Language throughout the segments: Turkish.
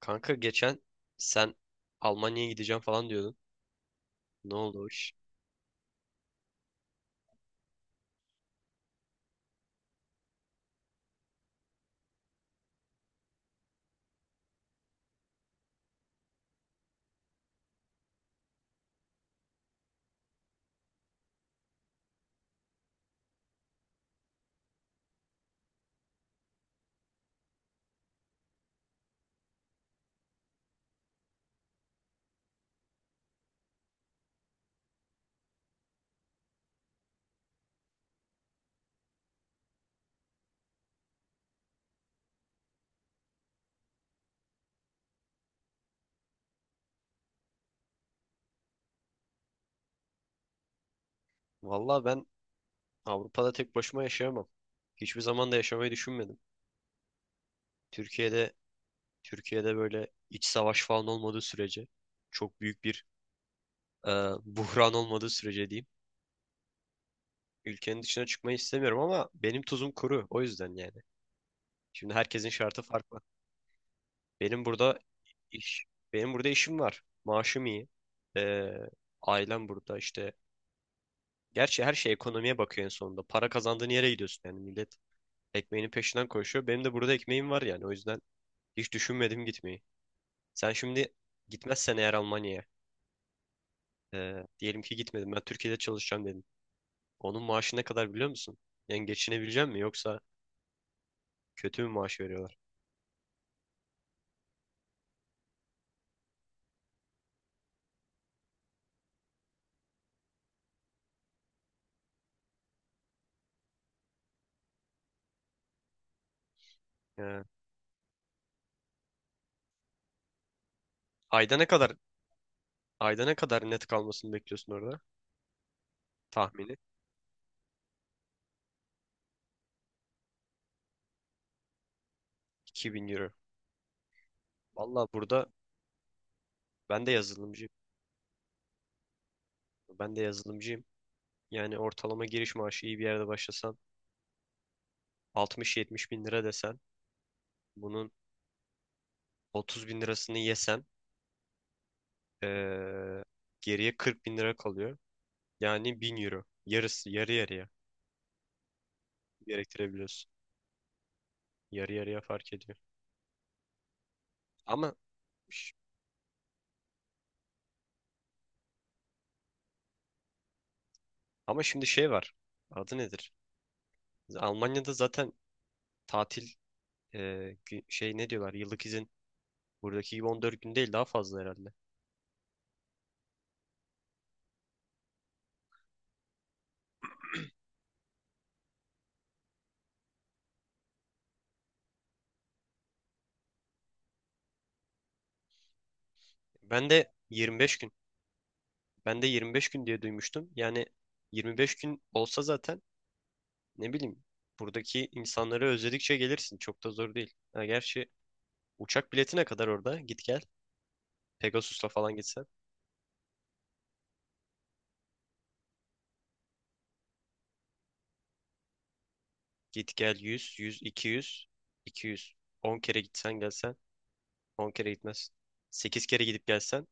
Kanka geçen sen Almanya'ya gideceğim falan diyordun. Ne oldu o iş? Valla ben Avrupa'da tek başıma yaşayamam. Hiçbir zaman da yaşamayı düşünmedim. Türkiye'de Türkiye'de böyle iç savaş falan olmadığı sürece çok büyük bir e, buhran olmadığı sürece diyeyim. Ülkenin dışına çıkmayı istemiyorum ama benim tuzum kuru, o yüzden yani. Şimdi herkesin şartı farklı. Benim burada iş benim burada işim var. Maaşım iyi. E, ailem burada işte. Gerçi her şey ekonomiye bakıyor en sonunda. Para kazandığın yere gidiyorsun yani, millet ekmeğinin peşinden koşuyor. Benim de burada ekmeğim var yani, o yüzden hiç düşünmedim gitmeyi. Sen şimdi gitmezsen eğer Almanya'ya, diyelim ki gitmedim, ben Türkiye'de çalışacağım dedim. Onun maaşı ne kadar biliyor musun? Yani geçinebilecek mi yoksa kötü mü maaş veriyorlar? E, ayda ne kadar, ayda ne kadar net kalmasını bekliyorsun orada? Tahmini 2.000 euro. Valla burada ben de yazılımcıyım. Ben de yazılımcıyım. Yani ortalama giriş maaşı iyi bir yerde başlasan 60-70 bin lira desen, bunun 30 bin lirasını yesem, eee, geriye 40 bin lira kalıyor. Yani 1.000 euro. Yarısı, yarı yarıya gerektirebiliyorsun. Yarı yarıya fark ediyor. Ama ş- ama şimdi şey var. Adı nedir? Almanya'da zaten tatil, şey, ne diyorlar, yıllık izin buradaki gibi 14 gün değil, daha fazla herhalde. Ben de 25 gün. Ben de 25 gün diye duymuştum. Yani 25 gün olsa zaten, ne bileyim, buradaki insanları özledikçe gelirsin. Çok da zor değil. Ha, gerçi uçak biletine kadar orada git gel. Pegasus'la falan gitsen. Git gel 100, 100, 200, 200. 10 kere gitsen gelsen 10 kere gitmez. 8 kere gidip gelsen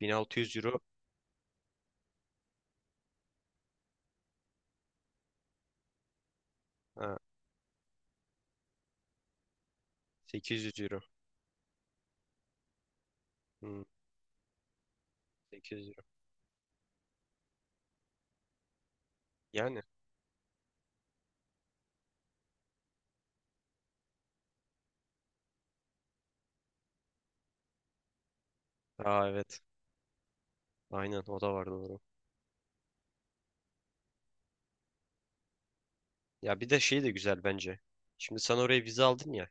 1.600 euro. Ha, 800 euro. Hmm, 800 euro. Yani. Aa evet. Aynen, o da var doğru. Ya bir de şey de güzel bence. Şimdi sen oraya vize aldın ya.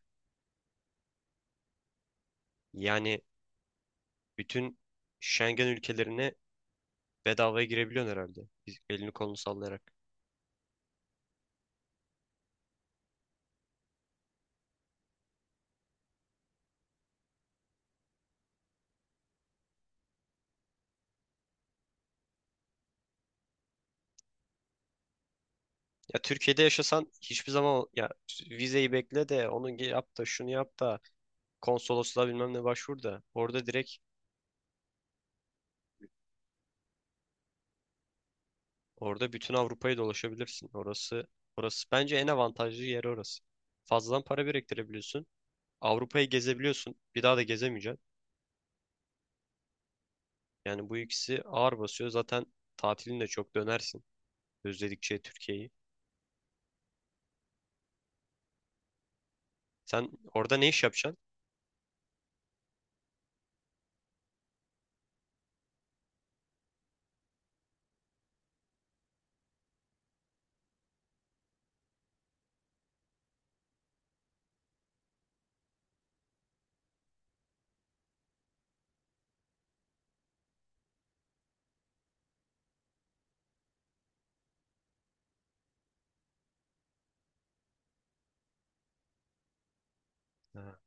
Yani bütün Schengen ülkelerine bedavaya girebiliyorsun herhalde. Elini kolunu sallayarak. Ya Türkiye'de yaşasan hiçbir zaman ya vizeyi bekle, de onu yap, da şunu yap, da konsolosluğa bilmem ne başvur, da orada direkt orada bütün Avrupa'yı dolaşabilirsin. Orası bence en avantajlı yer, orası. Fazladan para biriktirebiliyorsun. Avrupa'yı gezebiliyorsun. Bir daha da gezemeyeceksin. Yani bu ikisi ağır basıyor. Zaten tatilin de çok dönersin. Özledikçe Türkiye'yi. Sen orada ne iş yapacaksın? Ha.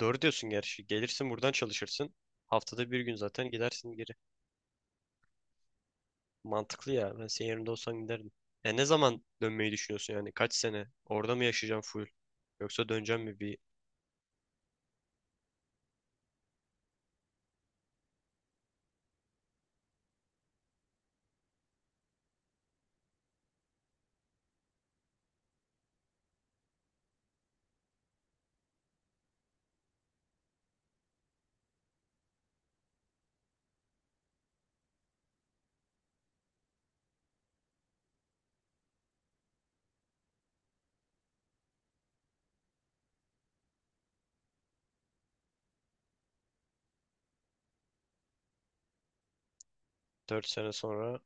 Doğru diyorsun gerçi. Gelirsin buradan, çalışırsın. Haftada bir gün zaten gidersin. Mantıklı ya. Ben senin yerinde olsam giderdim. Ya ne zaman dönmeyi düşünüyorsun yani? Kaç sene? Orada mı yaşayacağım full? Yoksa döneceğim mi bir dört sene sonra?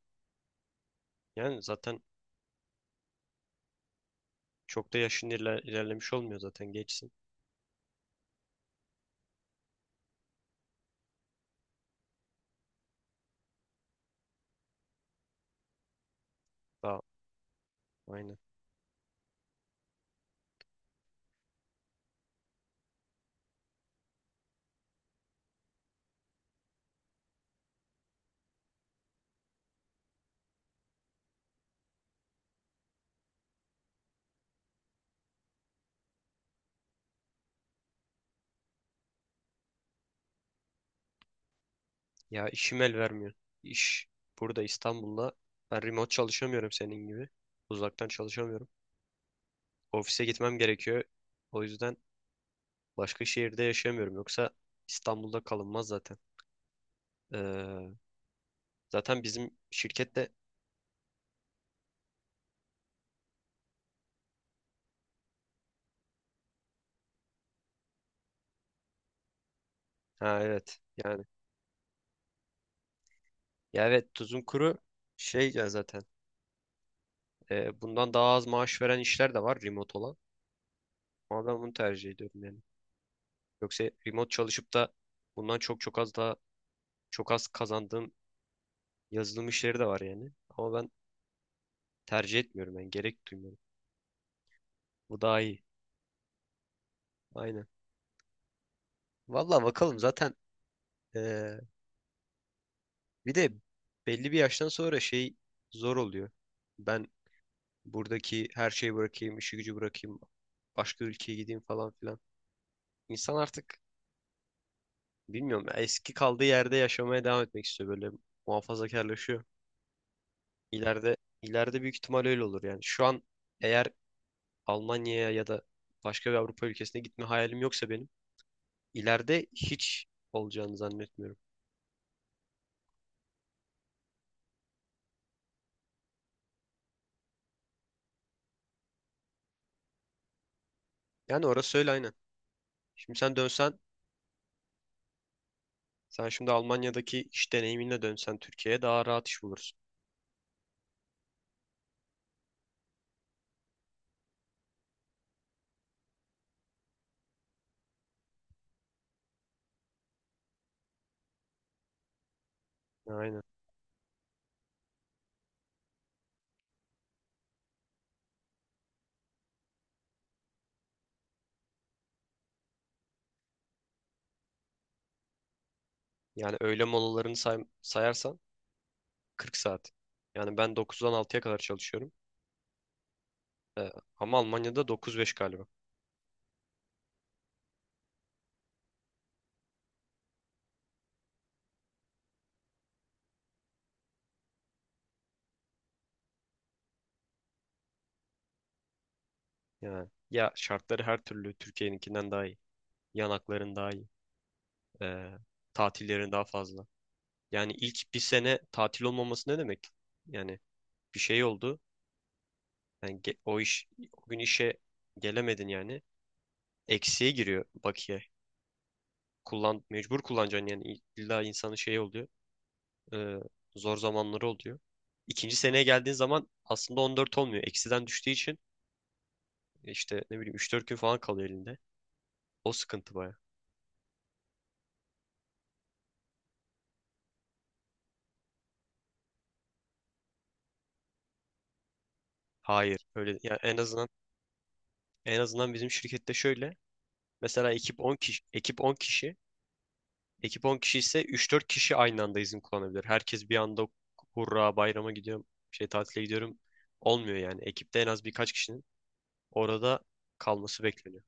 Yani zaten çok da yaşın ilerlemiş olmuyor zaten, geçsin. Daha, aynen. Ya işim el vermiyor. İş burada, İstanbul'da. Ben remote çalışamıyorum senin gibi. Uzaktan çalışamıyorum. Ofise gitmem gerekiyor. O yüzden başka şehirde yaşayamıyorum. Yoksa İstanbul'da kalınmaz zaten. Ee, zaten bizim şirkette, ha evet. Yani, ya evet tuzun kuru. Şey ya, zaten bundan daha az maaş veren işler de var, remote olan. Ama ben bunu tercih ediyorum yani. Yoksa remote çalışıp da bundan çok az kazandığım yazılım işleri de var yani. Ama ben tercih etmiyorum yani, gerek duymuyorum. Bu daha iyi. Aynen. Valla bakalım zaten, e, bir de belli bir yaştan sonra şey zor oluyor. Ben buradaki her şeyi bırakayım, işi gücü bırakayım, başka ülkeye gideyim falan filan. İnsan artık, bilmiyorum ya, eski kaldığı yerde yaşamaya devam etmek istiyor, böyle muhafazakarlaşıyor. İleride ileride büyük ihtimal öyle olur yani. Şu an eğer Almanya'ya ya da başka bir Avrupa ülkesine gitme hayalim yoksa benim, ileride hiç olacağını zannetmiyorum. Yani orası öyle, aynen. Şimdi sen dönsen sen şimdi Almanya'daki iş deneyiminle dönsen Türkiye'ye daha rahat iş bulursun. Aynen. Yani öğle molalarını sayarsan 40 saat. Yani ben 9'dan 6'ya kadar çalışıyorum. Ee, ama Almanya'da 9-5 galiba. Yani ya, şartları her türlü Türkiye'ninkinden daha iyi. Yanakların daha iyi. Ee, tatillerin daha fazla. Yani ilk bir sene tatil olmaması ne demek? Yani bir şey oldu. Yani o iş, o gün işe gelemedin yani. Eksiye giriyor bakiye. Kullan, mecbur kullanacaksın yani. İlla insanın şeyi oluyor. Ee, zor zamanları oluyor. İkinci seneye geldiğin zaman aslında 14 olmuyor. Eksiden düştüğü için işte ne bileyim 3-4 gün falan kalıyor elinde. O sıkıntı baya. Hayır. Öyle ya, en azından bizim şirkette şöyle. Mesela ekip 10 kişi, ekip 10 kişi, ekip 10 kişi ise 3-4 kişi aynı anda izin kullanabilir. Herkes bir anda hurra bayrama gidiyorum, şey tatile gidiyorum olmuyor yani. Ekipte en az birkaç kişinin orada kalması bekleniyor.